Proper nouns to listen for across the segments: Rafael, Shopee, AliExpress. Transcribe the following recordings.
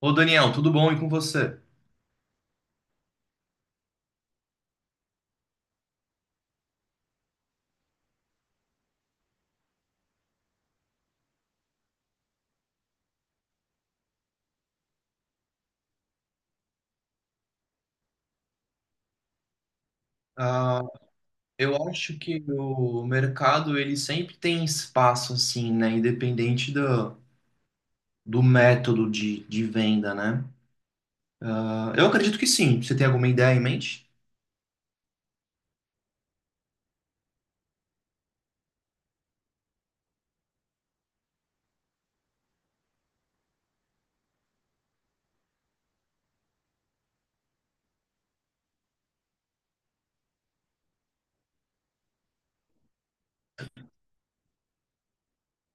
Ô Daniel, tudo bom e com você? Ah, eu acho que o mercado ele sempre tem espaço assim, né? Independente do método de venda, né? Ah, eu acredito que sim. Você tem alguma ideia em mente?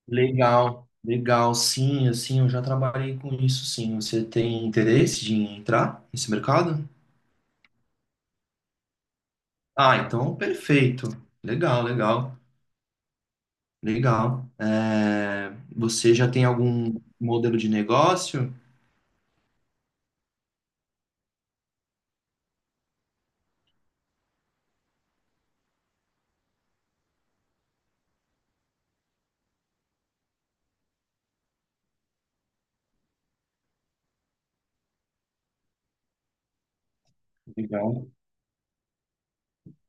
Legal, legal, sim, assim, eu já trabalhei com isso, sim. Você tem interesse de entrar nesse mercado? Ah, então perfeito. Legal, legal, legal. É, você já tem algum modelo de negócio? Legal.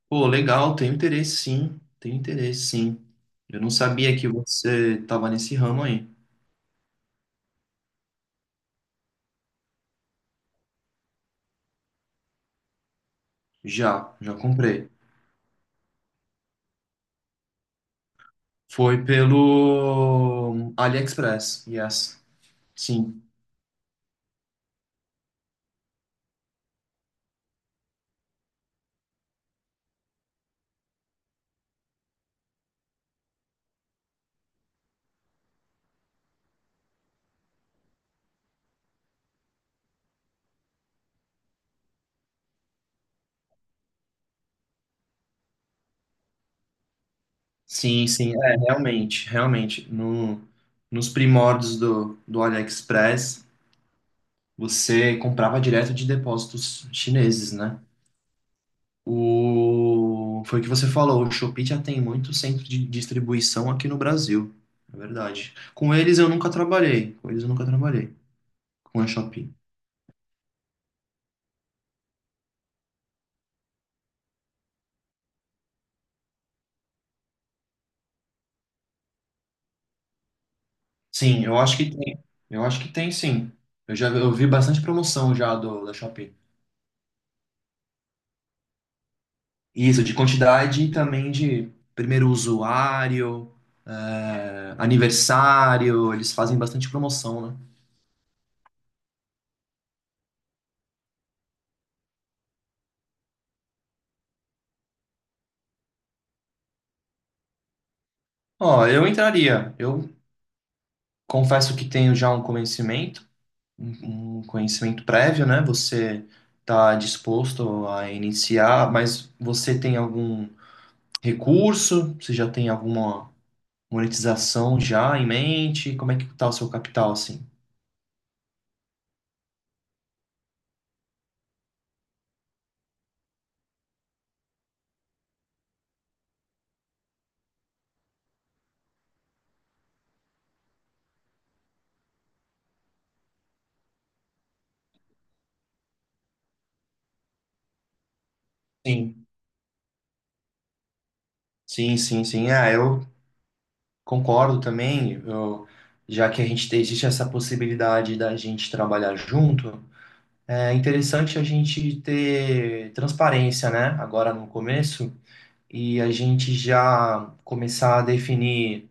Pô, legal, tenho interesse sim, tenho interesse sim. Eu não sabia que você tava nesse ramo aí. Já, já comprei. Foi pelo AliExpress, yes. Sim, sim, sim, é, realmente, realmente. No, Nos primórdios do AliExpress, você comprava direto de depósitos chineses, né? O... Foi o que você falou, o Shopee já tem muito centro de distribuição aqui no Brasil, é verdade. Com eles eu nunca trabalhei, com eles eu nunca trabalhei, com a Shopee. Sim, eu acho que tem, eu acho que tem sim. Eu já eu vi bastante promoção já da Shopee. Isso, de quantidade e também de primeiro usuário, aniversário, eles fazem bastante promoção, né? Ó, eu entraria, eu confesso que tenho já um conhecimento um um conhecimento prévio, né? Você está disposto a iniciar, mas você tem algum recurso? Você já tem alguma monetização já em mente? Como é que está o seu capital, assim? Sim. Sim, sim, sim. É, eu concordo também. Eu, já que a gente tem, existe essa possibilidade da gente trabalhar junto, é interessante a gente ter transparência, né? Agora no começo. E a gente já começar a definir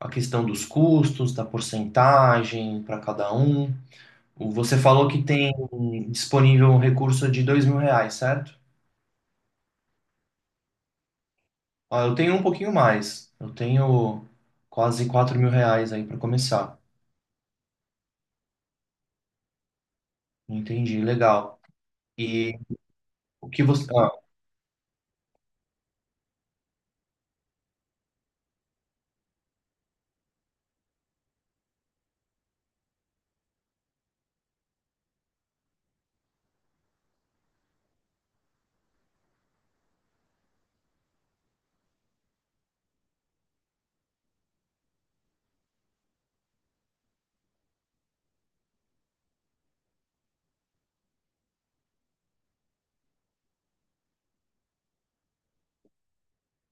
a questão dos custos, da porcentagem para cada um. O- Você falou que tem disponível um recurso de R$ 2.000, certo? Ó, eu tenho um pouquinho mais. Eu tenho quase R$ 4.000 aí para começar. Entendi, legal. E o que você. Ah,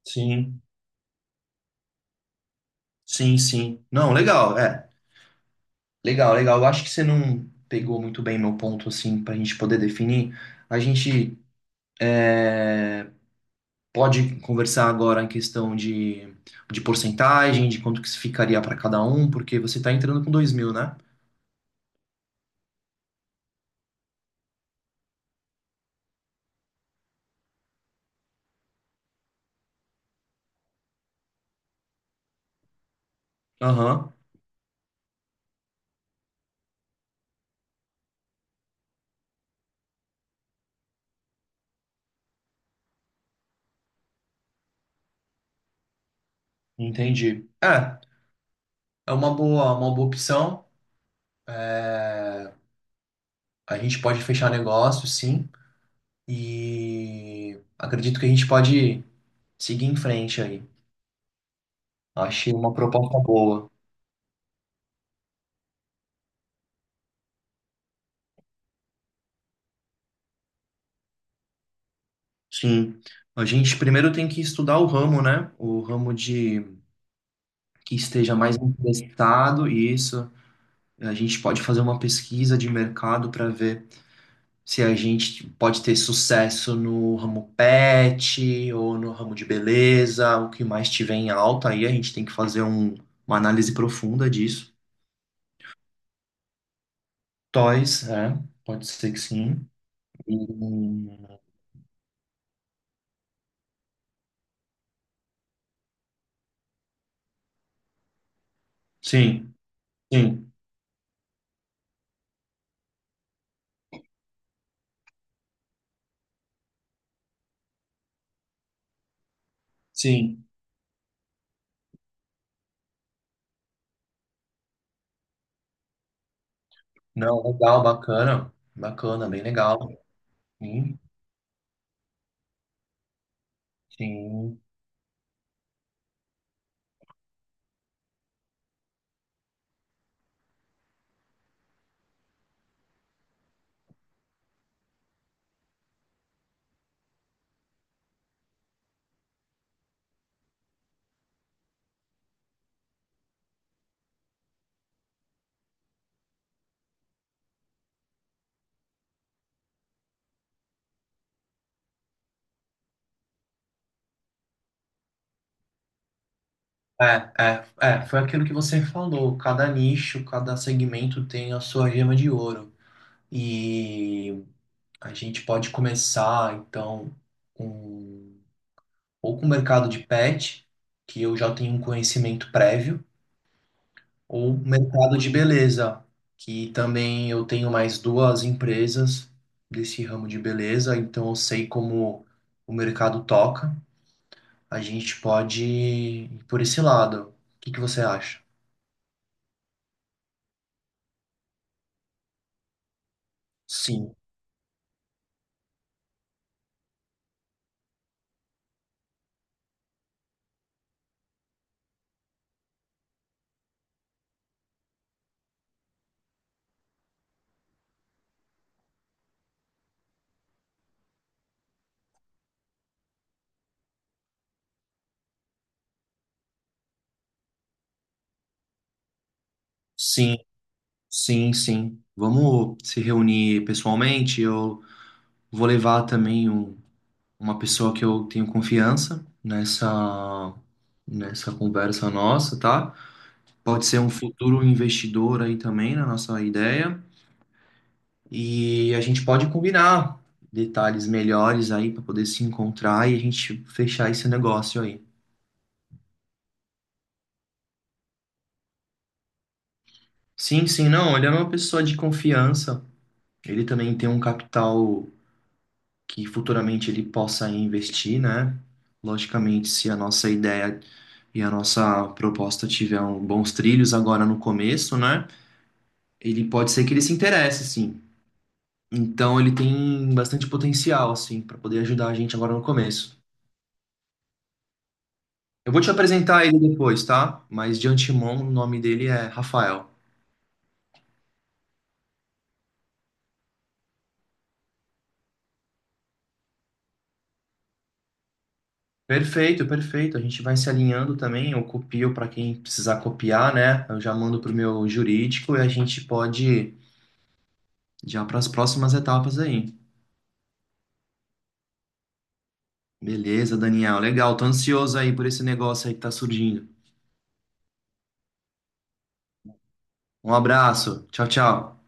sim, sim, sim. Não, legal, é. Legal, legal. Eu acho que você não pegou muito bem meu ponto, assim, para a gente poder definir. A gente é, Pode conversar agora em questão de porcentagem, de quanto que se ficaria para cada um, porque você está entrando com 2.000, né? Aham, entendi. É, é uma boa opção. É, a gente pode fechar negócio, sim, e acredito que a gente pode seguir em frente aí. Achei uma proposta boa. Sim. A gente primeiro tem que estudar o ramo, né? O ramo de que esteja mais interessado, isso. A gente pode fazer uma pesquisa de mercado para ver se a gente pode ter sucesso no ramo pet ou no ramo de beleza, o que mais tiver em alta. Aí a gente tem que fazer uma análise profunda disso. Toys, é, pode ser que sim. Hum, sim, sim, sim. Não, legal, bacana, bacana, bem legal. Sim, sim. É, É, foi aquilo que você falou. Cada nicho, cada segmento tem a sua gema de ouro. E a gente pode começar, então, com, ou com o mercado de pet, que eu já tenho um conhecimento prévio, ou um mercado de beleza, que também eu tenho mais duas empresas desse ramo de beleza, então eu sei como o mercado toca. A gente pode ir por esse lado. O que que você acha? Sim, sim, sim, sim. Vamos se reunir pessoalmente. Eu vou levar também uma pessoa que eu tenho confiança nessa conversa nossa, tá? Pode ser um futuro investidor aí também na nossa ideia e a gente pode combinar detalhes melhores aí para poder se encontrar e a gente fechar esse negócio aí. Sim, sim, não, ele é uma pessoa de confiança. Ele também tem um capital que futuramente ele possa investir, né? Logicamente, se a nossa ideia e a nossa proposta tiver bons trilhos agora no começo, né? Ele Pode ser que ele se interesse, sim. Então ele tem bastante potencial, assim, para poder ajudar a gente agora no começo. Eu vou te apresentar ele depois, tá? Mas de antemão, o nome dele é Rafael. Perfeito, perfeito. A gente vai se alinhando também. Eu copio para quem precisar copiar, né? Eu já mando pro meu jurídico e a gente pode já para as próximas etapas aí. Beleza, Daniel. Legal. Tô ansioso aí por esse negócio aí que tá surgindo. Um abraço. Tchau, tchau.